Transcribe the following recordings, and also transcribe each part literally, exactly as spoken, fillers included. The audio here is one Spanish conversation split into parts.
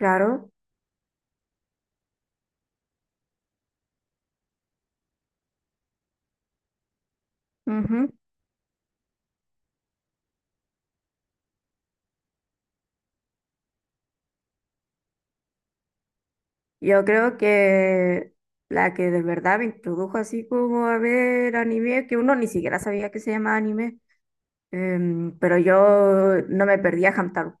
Claro, ujú. Yo creo que la que de verdad me introdujo así como a ver anime, que uno ni siquiera sabía que se llamaba anime, em, pero yo no me perdía Hamtaro.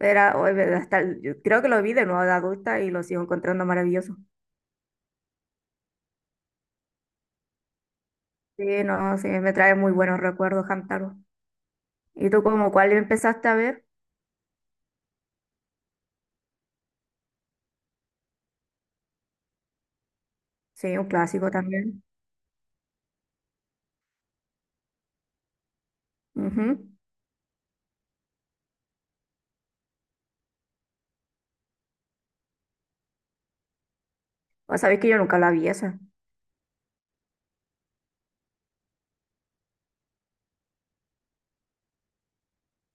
Era, o- eh, hasta, el- Yo creo que lo vi de nuevo de adulta y lo sigo encontrando maravilloso. Sí, no, sí, me trae muy buenos recuerdos Hamtaro. ¿Y tú como cuál empezaste a ver? Sí, un clásico también. Ujú. O sabes que yo nunca la vi esa.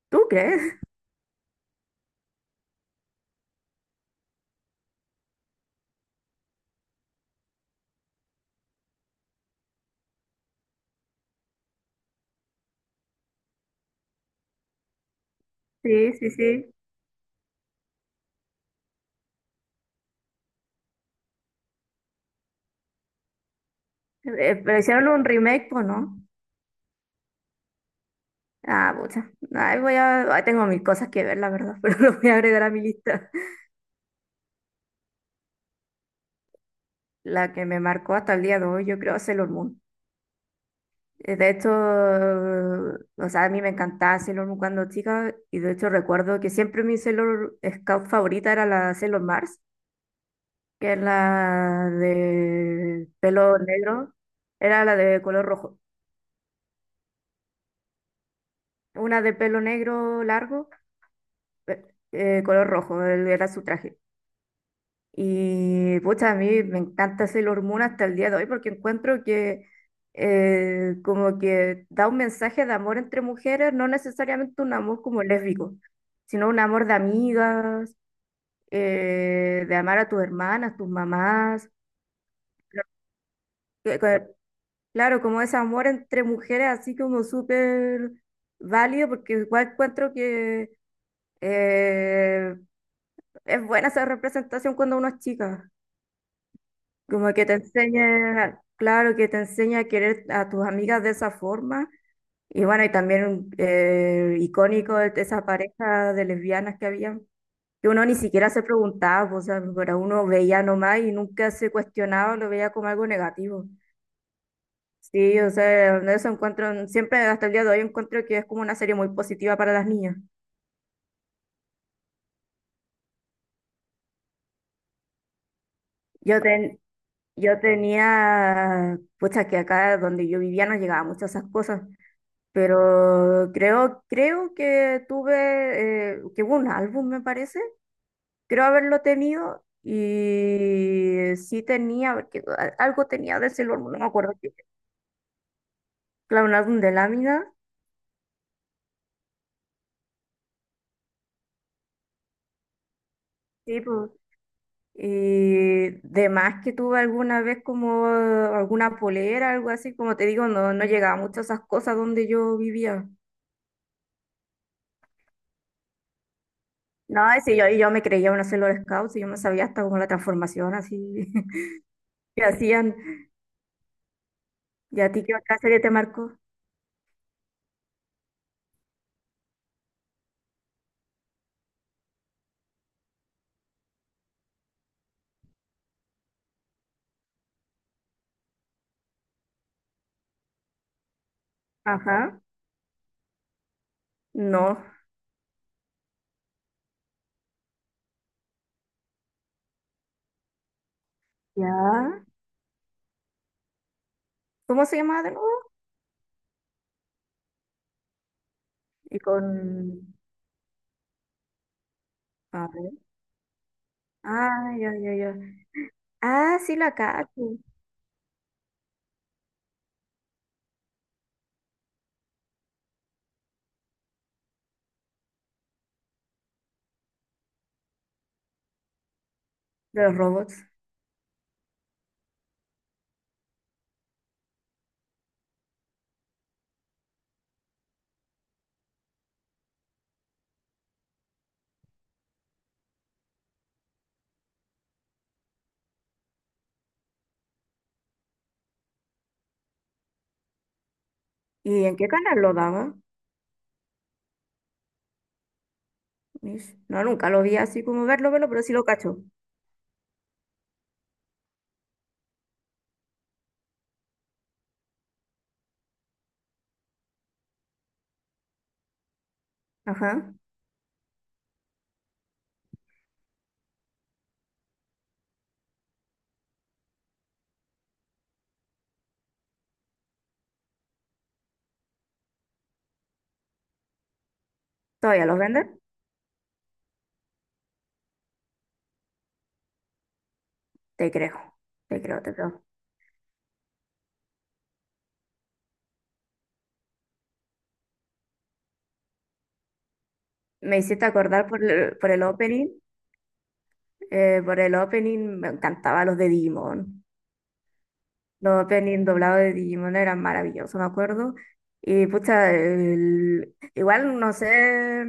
¿Tú crees? Sí, sí, sí. Eh, pero hicieron un remake, pues, ¿no? Ah, pucha. Ahí voy a, ahí tengo mil cosas que ver, la verdad, pero lo voy a agregar a mi lista. La que me marcó hasta el día de hoy, yo creo, es Sailor Moon. Eh, De hecho, o sea, a mí me encantaba Sailor Moon cuando chica, y de hecho recuerdo que siempre mi Sailor Scout favorita era la Sailor Mars, que es la de pelo negro, era la de color rojo. Una de pelo negro largo, pe- eh, color rojo, el- era su traje. Y pucha, a mí me encanta Sailor Moon hasta el día de hoy porque encuentro que eh, como que da un mensaje de amor entre mujeres, no necesariamente un amor como lésbico, sino un amor de amigas, eh, de amar a tus hermanas, tus mamás. que- que- Claro, como ese amor entre mujeres así como súper válido porque igual encuentro que eh, es buena esa representación cuando uno es chica. Como que te enseña, claro, que te enseña a querer a tus amigas de esa forma. Y bueno, y también eh, icónico de esa pareja de lesbianas que había, que uno ni siquiera se preguntaba, pues, o sea, pero uno veía nomás y nunca se cuestionaba, lo veía como algo negativo. Sí, o sea, de eso encuentro, siempre hasta el día de hoy encuentro que es como una serie muy positiva para las niñas. Yo, ten, yo tenía, pucha, que acá donde yo vivía no llegaba muchas esas cosas. Pero creo, creo que tuve, eh, que hubo un álbum, me parece. Creo haberlo tenido y sí tenía, porque a- algo tenía de Sailor Moon, no me acuerdo qué. Claro, un álbum de lámina. Sí, pues. Y de más que tuve alguna vez como alguna polera, algo así, como te digo, no, no llegaba mucho a esas cosas donde yo vivía. No, y sí, yo, y yo me creía una Sailor Scout, y yo me sabía hasta como la transformación así que hacían. ¿Y a ti qué otra serie te marcó? Ajá, no, ya. ¿Cómo se llama de nuevo? Y con... A ver, ah, ya, ya, ya. Ah, sí, la cacho, de los robots. ¿Y en qué canal lo daba? Mish, no, nunca lo vi así como verlo, verlo, pero sí lo cacho. Ajá. ¿Todavía los venden? Te creo, te creo, te creo. Me hiciste acordar por el, por el opening, eh, por el opening me encantaban los de Digimon. Los openings doblados de Digimon eran maravillosos, me acuerdo. Y pucha, el- igual no sé,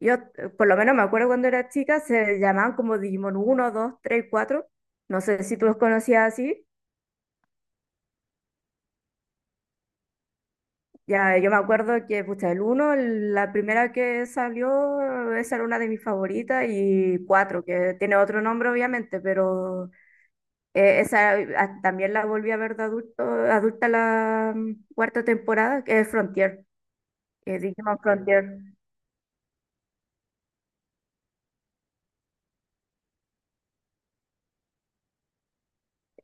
yo eh, por lo menos me acuerdo cuando era chica, se llamaban como Digimon uno dos tres cuatro. No sé si tú los conocías así. Ya, yo me acuerdo que, pucha, el uno, la primera que salió, esa era una de mis favoritas, y cuatro que tiene otro nombre obviamente, pero eh, esa eh, ah, también la volví a ver de adulto, adulta la mm, cuarta temporada, que es Frontier. eh, Digimon Frontier.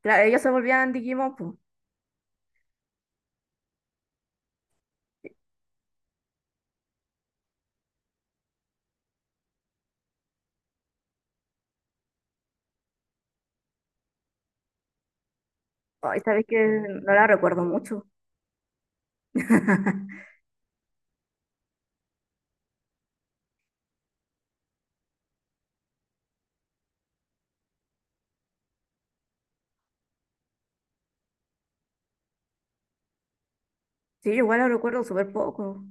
Claro, ellos se volvían Digimon, pues. Ay, sabes que no la recuerdo mucho. Sí, igual la recuerdo súper poco.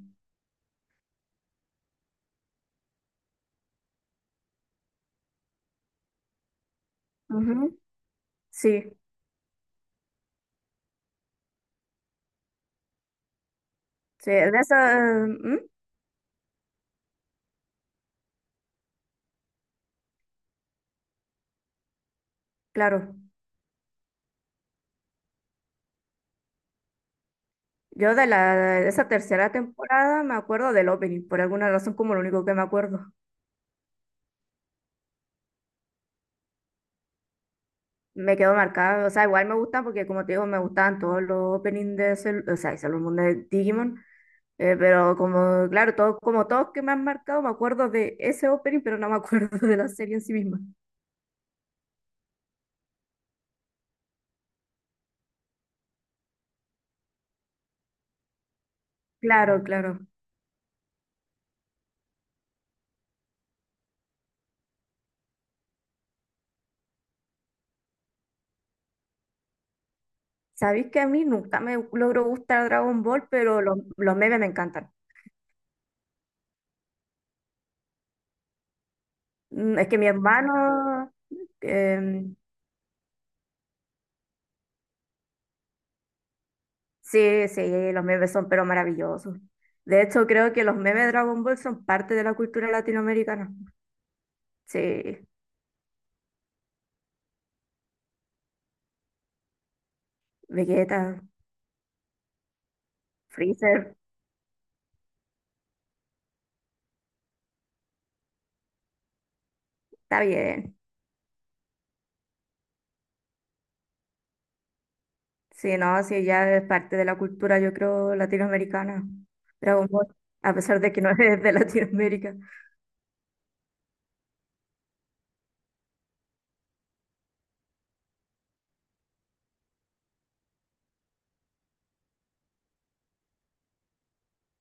Ujú. Sí, sí, de esa, mm, claro. Yo de la de esa tercera temporada me acuerdo del opening, por alguna razón como lo único que me acuerdo. Me quedó marcado, o sea, igual me gustan porque como te digo, me gustaban todos los openings de Cell, o sea, de Sailor Moon de Digimon, eh, pero como, claro, todo, como todos que me han marcado, me acuerdo de ese opening, pero no me acuerdo de la serie en sí misma. Claro, claro. Sabéis que a mí nunca me logró gustar Dragon Ball, pero los, los memes me encantan. Mm, es que mi hermano, em, sí, sí, los memes son pero maravillosos. De hecho, creo que los memes de Dragon Ball son parte de la cultura latinoamericana. Sí, Vegeta, Freezer, está bien. Sí, no, sí, ya es parte de la cultura, yo creo, latinoamericana. Dragon Ball, a pesar de que no es de Latinoamérica.